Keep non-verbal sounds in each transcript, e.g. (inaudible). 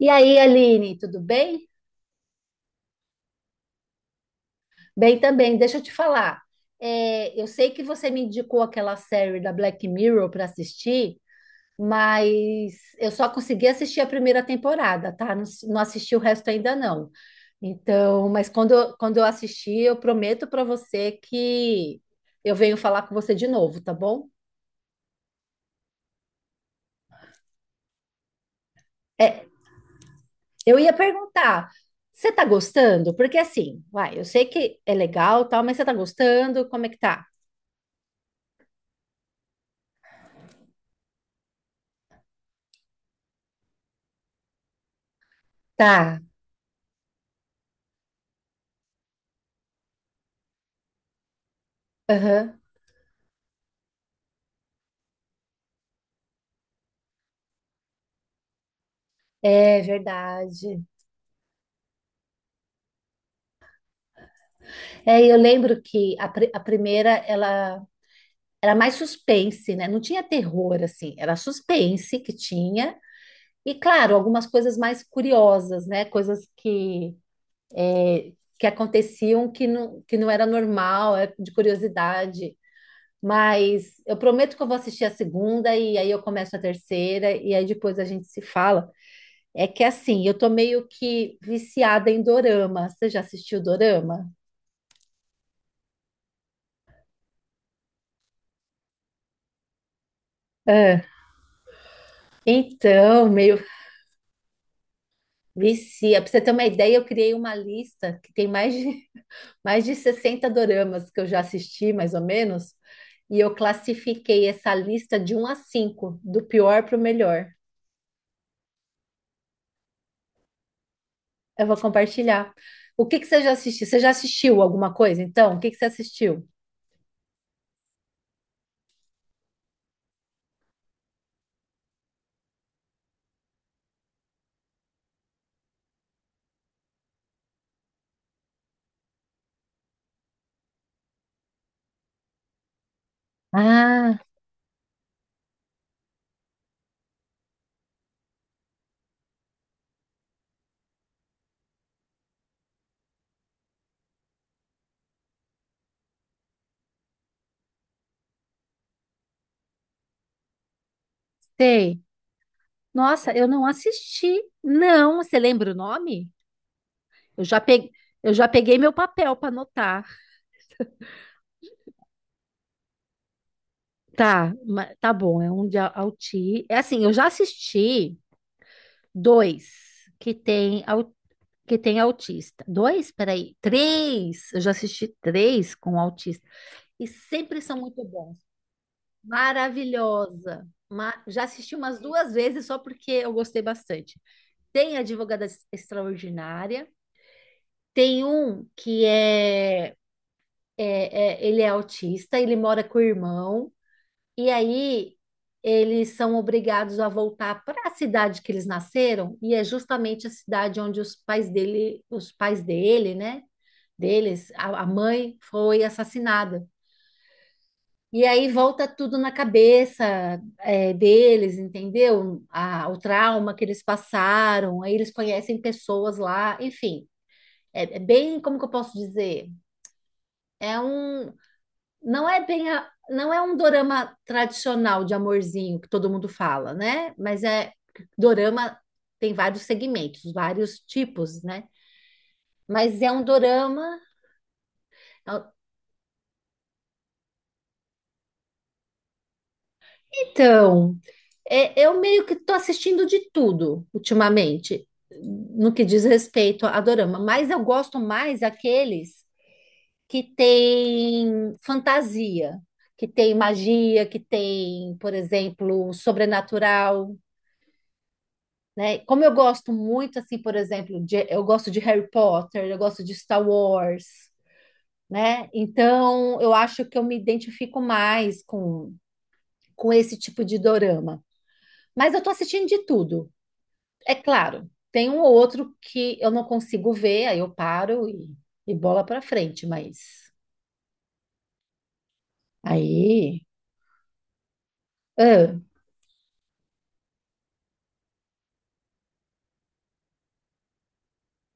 E aí, Aline, tudo bem? Bem também, deixa eu te falar. É, eu sei que você me indicou aquela série da Black Mirror para assistir, mas eu só consegui assistir a primeira temporada, tá? Não, não assisti o resto ainda não. Então, mas quando, quando eu assistir, eu prometo para você que eu venho falar com você de novo, tá bom? É, eu ia perguntar, você tá gostando? Porque assim, vai, eu sei que é legal, tal, mas você tá gostando? Como é que tá? Tá. Aham. É verdade. É, eu lembro que a primeira ela era mais suspense, né? Não tinha terror assim, era suspense que tinha e claro, algumas coisas mais curiosas, né? Coisas é, que aconteciam que não era normal, é de curiosidade. Mas eu prometo que eu vou assistir a segunda e aí eu começo a terceira e aí depois a gente se fala. É que assim, eu tô meio que viciada em dorama. Você já assistiu dorama? Então, meio vicia. Pra você ter uma ideia, eu criei uma lista que tem mais de, (laughs) mais de 60 doramas que eu já assisti, mais ou menos, e eu classifiquei essa lista de um a 5, do pior para o melhor. Eu vou compartilhar. O que que você já assistiu? Você já assistiu alguma coisa? Então, o que que você assistiu? Ah, sei. Nossa, eu não assisti. Não, você lembra o nome? Eu já peguei, eu já peguei meu papel para anotar. Tá, tá bom, é um de auti... É assim, eu já assisti dois que tem, que tem autista. Dois? Peraí, três! Eu já assisti três com autista. E sempre são muito bons. Maravilhosa! Já assisti umas duas vezes só porque eu gostei bastante. Tem Advogada Extraordinária, tem um que ele é autista, ele mora com o irmão. E aí eles são obrigados a voltar para a cidade que eles nasceram, e é justamente a cidade onde os pais dele, né? Deles, a mãe foi assassinada. E aí volta tudo na cabeça deles, entendeu? O trauma que eles passaram, aí eles conhecem pessoas lá, enfim. É, é bem, como que eu posso dizer? é um não é bem não é um dorama tradicional de amorzinho que todo mundo fala, né? Mas é dorama, tem vários segmentos, vários tipos, né? Mas é um dorama. é um, Então, é, eu meio que tô assistindo de tudo ultimamente, no que diz respeito a dorama, mas eu gosto mais aqueles que tem fantasia, que tem magia, que tem, por exemplo, sobrenatural, né? Como eu gosto muito, assim, por exemplo, eu gosto de Harry Potter, eu gosto de Star Wars, né? Então, eu acho que eu me identifico mais com esse tipo de dorama. Mas eu tô assistindo de tudo, é claro. Tem um ou outro que eu não consigo ver, aí eu paro e bola pra frente, mas aí, ah,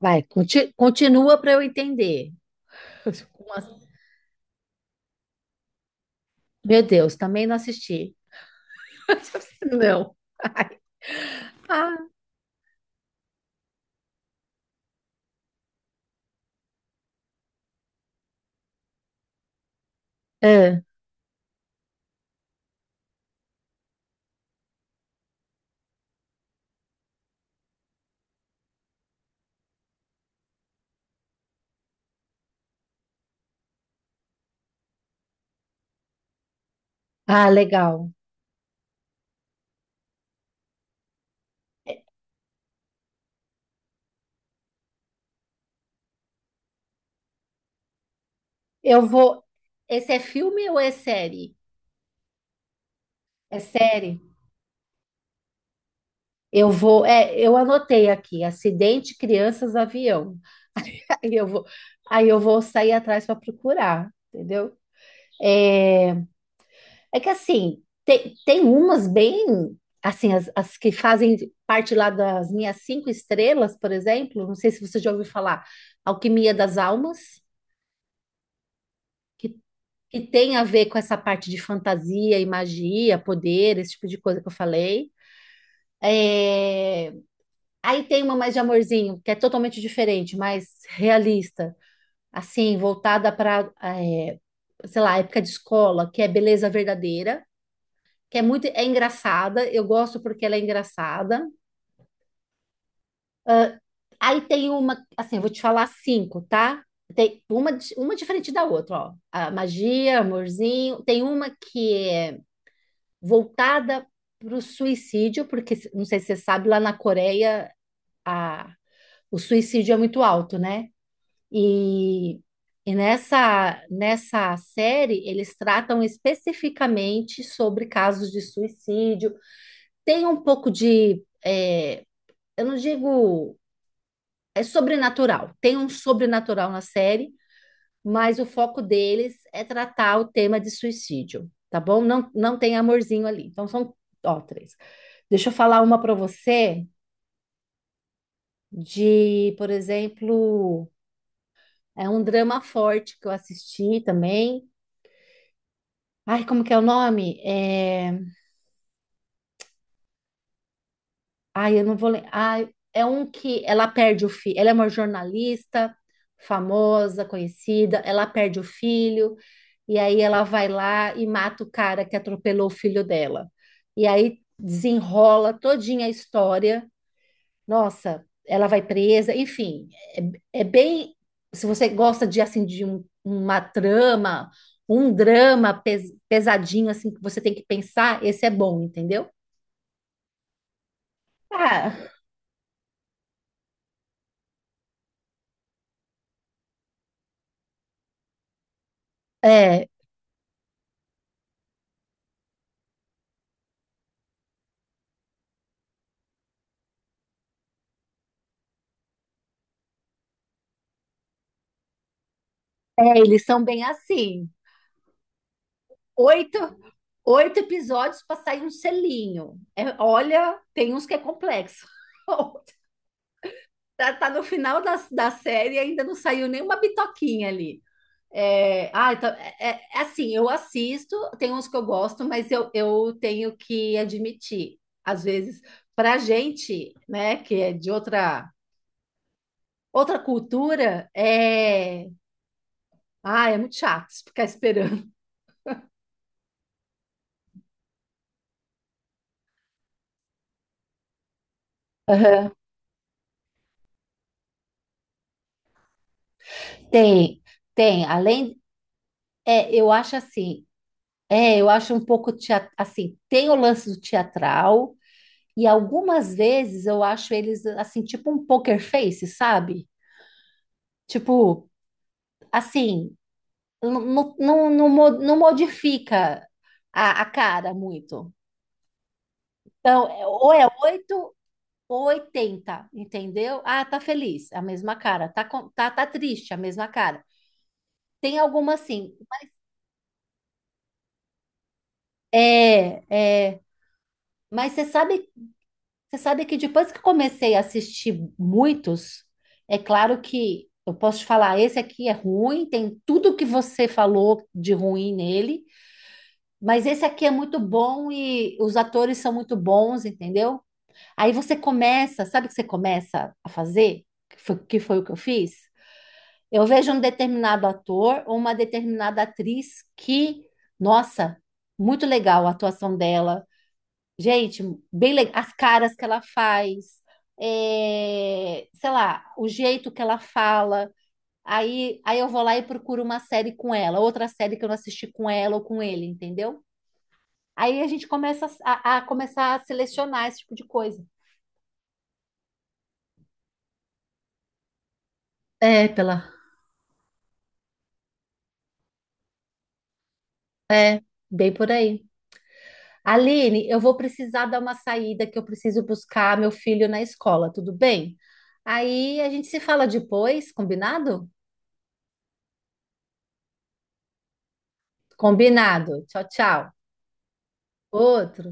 vai, continua para eu entender. (laughs) Meu Deus, também não assisti. (laughs) Não. (laughs) Ah, ah. Ah, legal. Eu vou. Esse é filme ou é série? É série. Eu vou. É, eu anotei aqui: acidente, crianças, avião. (laughs) Aí eu vou. Aí eu vou sair atrás para procurar, entendeu? É, é que assim tem umas bem assim as que fazem parte lá das minhas cinco estrelas, por exemplo. Não sei se você já ouviu falar. Alquimia das Almas, que que tem a ver com essa parte de fantasia e magia, poder, esse tipo de coisa que eu falei. É, aí tem uma mais de amorzinho, que é totalmente diferente, mais realista, assim, voltada para, sei lá, época de escola, que é beleza verdadeira, que é muito, é engraçada, eu gosto porque ela é engraçada. Aí tem uma, assim, eu vou te falar cinco, tá? Tem uma, uma diferente da outra, ó. A magia, amorzinho. Tem uma que é voltada para o suicídio, porque não sei se você sabe, lá na Coreia o suicídio é muito alto, né? E, e nessa série eles tratam especificamente sobre casos de suicídio. Tem um pouco de, eu não digo, é sobrenatural, tem um sobrenatural na série, mas o foco deles é tratar o tema de suicídio, tá bom? Não, não tem amorzinho ali. Então são, ó, três. Deixa eu falar uma para você de, por exemplo, é um drama forte que eu assisti também. Ai, como que é o nome? É... Ai, eu não vou lembrar. Ai, é um que ela perde o filho. Ela é uma jornalista famosa, conhecida. Ela perde o filho. E aí ela vai lá e mata o cara que atropelou o filho dela. E aí desenrola todinha a história. Nossa, ela vai presa. Enfim, é, é bem. Se você gosta de assim de uma trama, um drama pesadinho assim que você tem que pensar, esse é bom, entendeu? Ah, é, é, eles são bem assim. Oito, oito episódios para sair um selinho. É, olha, tem uns que é complexo. (laughs) Tá, tá no final da série e ainda não saiu nenhuma bitoquinha ali. É, ah, então, é, é assim, eu assisto, tem uns que eu gosto, mas eu tenho que admitir, às vezes, pra gente, né, que é de outra, outra cultura, é, ah, é muito chato ficar esperando. Aham. Tem, tem. Além, é, eu acho assim, é, eu acho um pouco assim, tem o lance do teatral e algumas vezes eu acho eles assim, tipo um poker face, sabe? Tipo, assim, não, não, não, não modifica a cara muito. Então, ou é 8 ou 80, entendeu? Ah, tá feliz, a mesma cara. Tá, tá triste, a mesma cara. Tem alguma assim, é, é, mas você sabe Você sabe que depois que comecei a assistir muitos, é claro que eu posso te falar, esse aqui é ruim, tem tudo que você falou de ruim nele, mas esse aqui é muito bom e os atores são muito bons, entendeu? Aí você começa, sabe o que você começa a fazer? Que foi o que eu fiz? Eu vejo um determinado ator ou uma determinada atriz que, nossa, muito legal a atuação dela. Gente, bem legal. As caras que ela faz, é, sei lá, o jeito que ela fala. Aí eu vou lá e procuro uma série com ela, outra série que eu não assisti com ela ou com ele, entendeu? Aí a gente começa a começar a selecionar esse tipo de coisa. É, pela. É, bem por aí. Aline, eu vou precisar dar uma saída que eu preciso buscar meu filho na escola, tudo bem? Aí a gente se fala depois, combinado? Combinado. Tchau, tchau. Outro.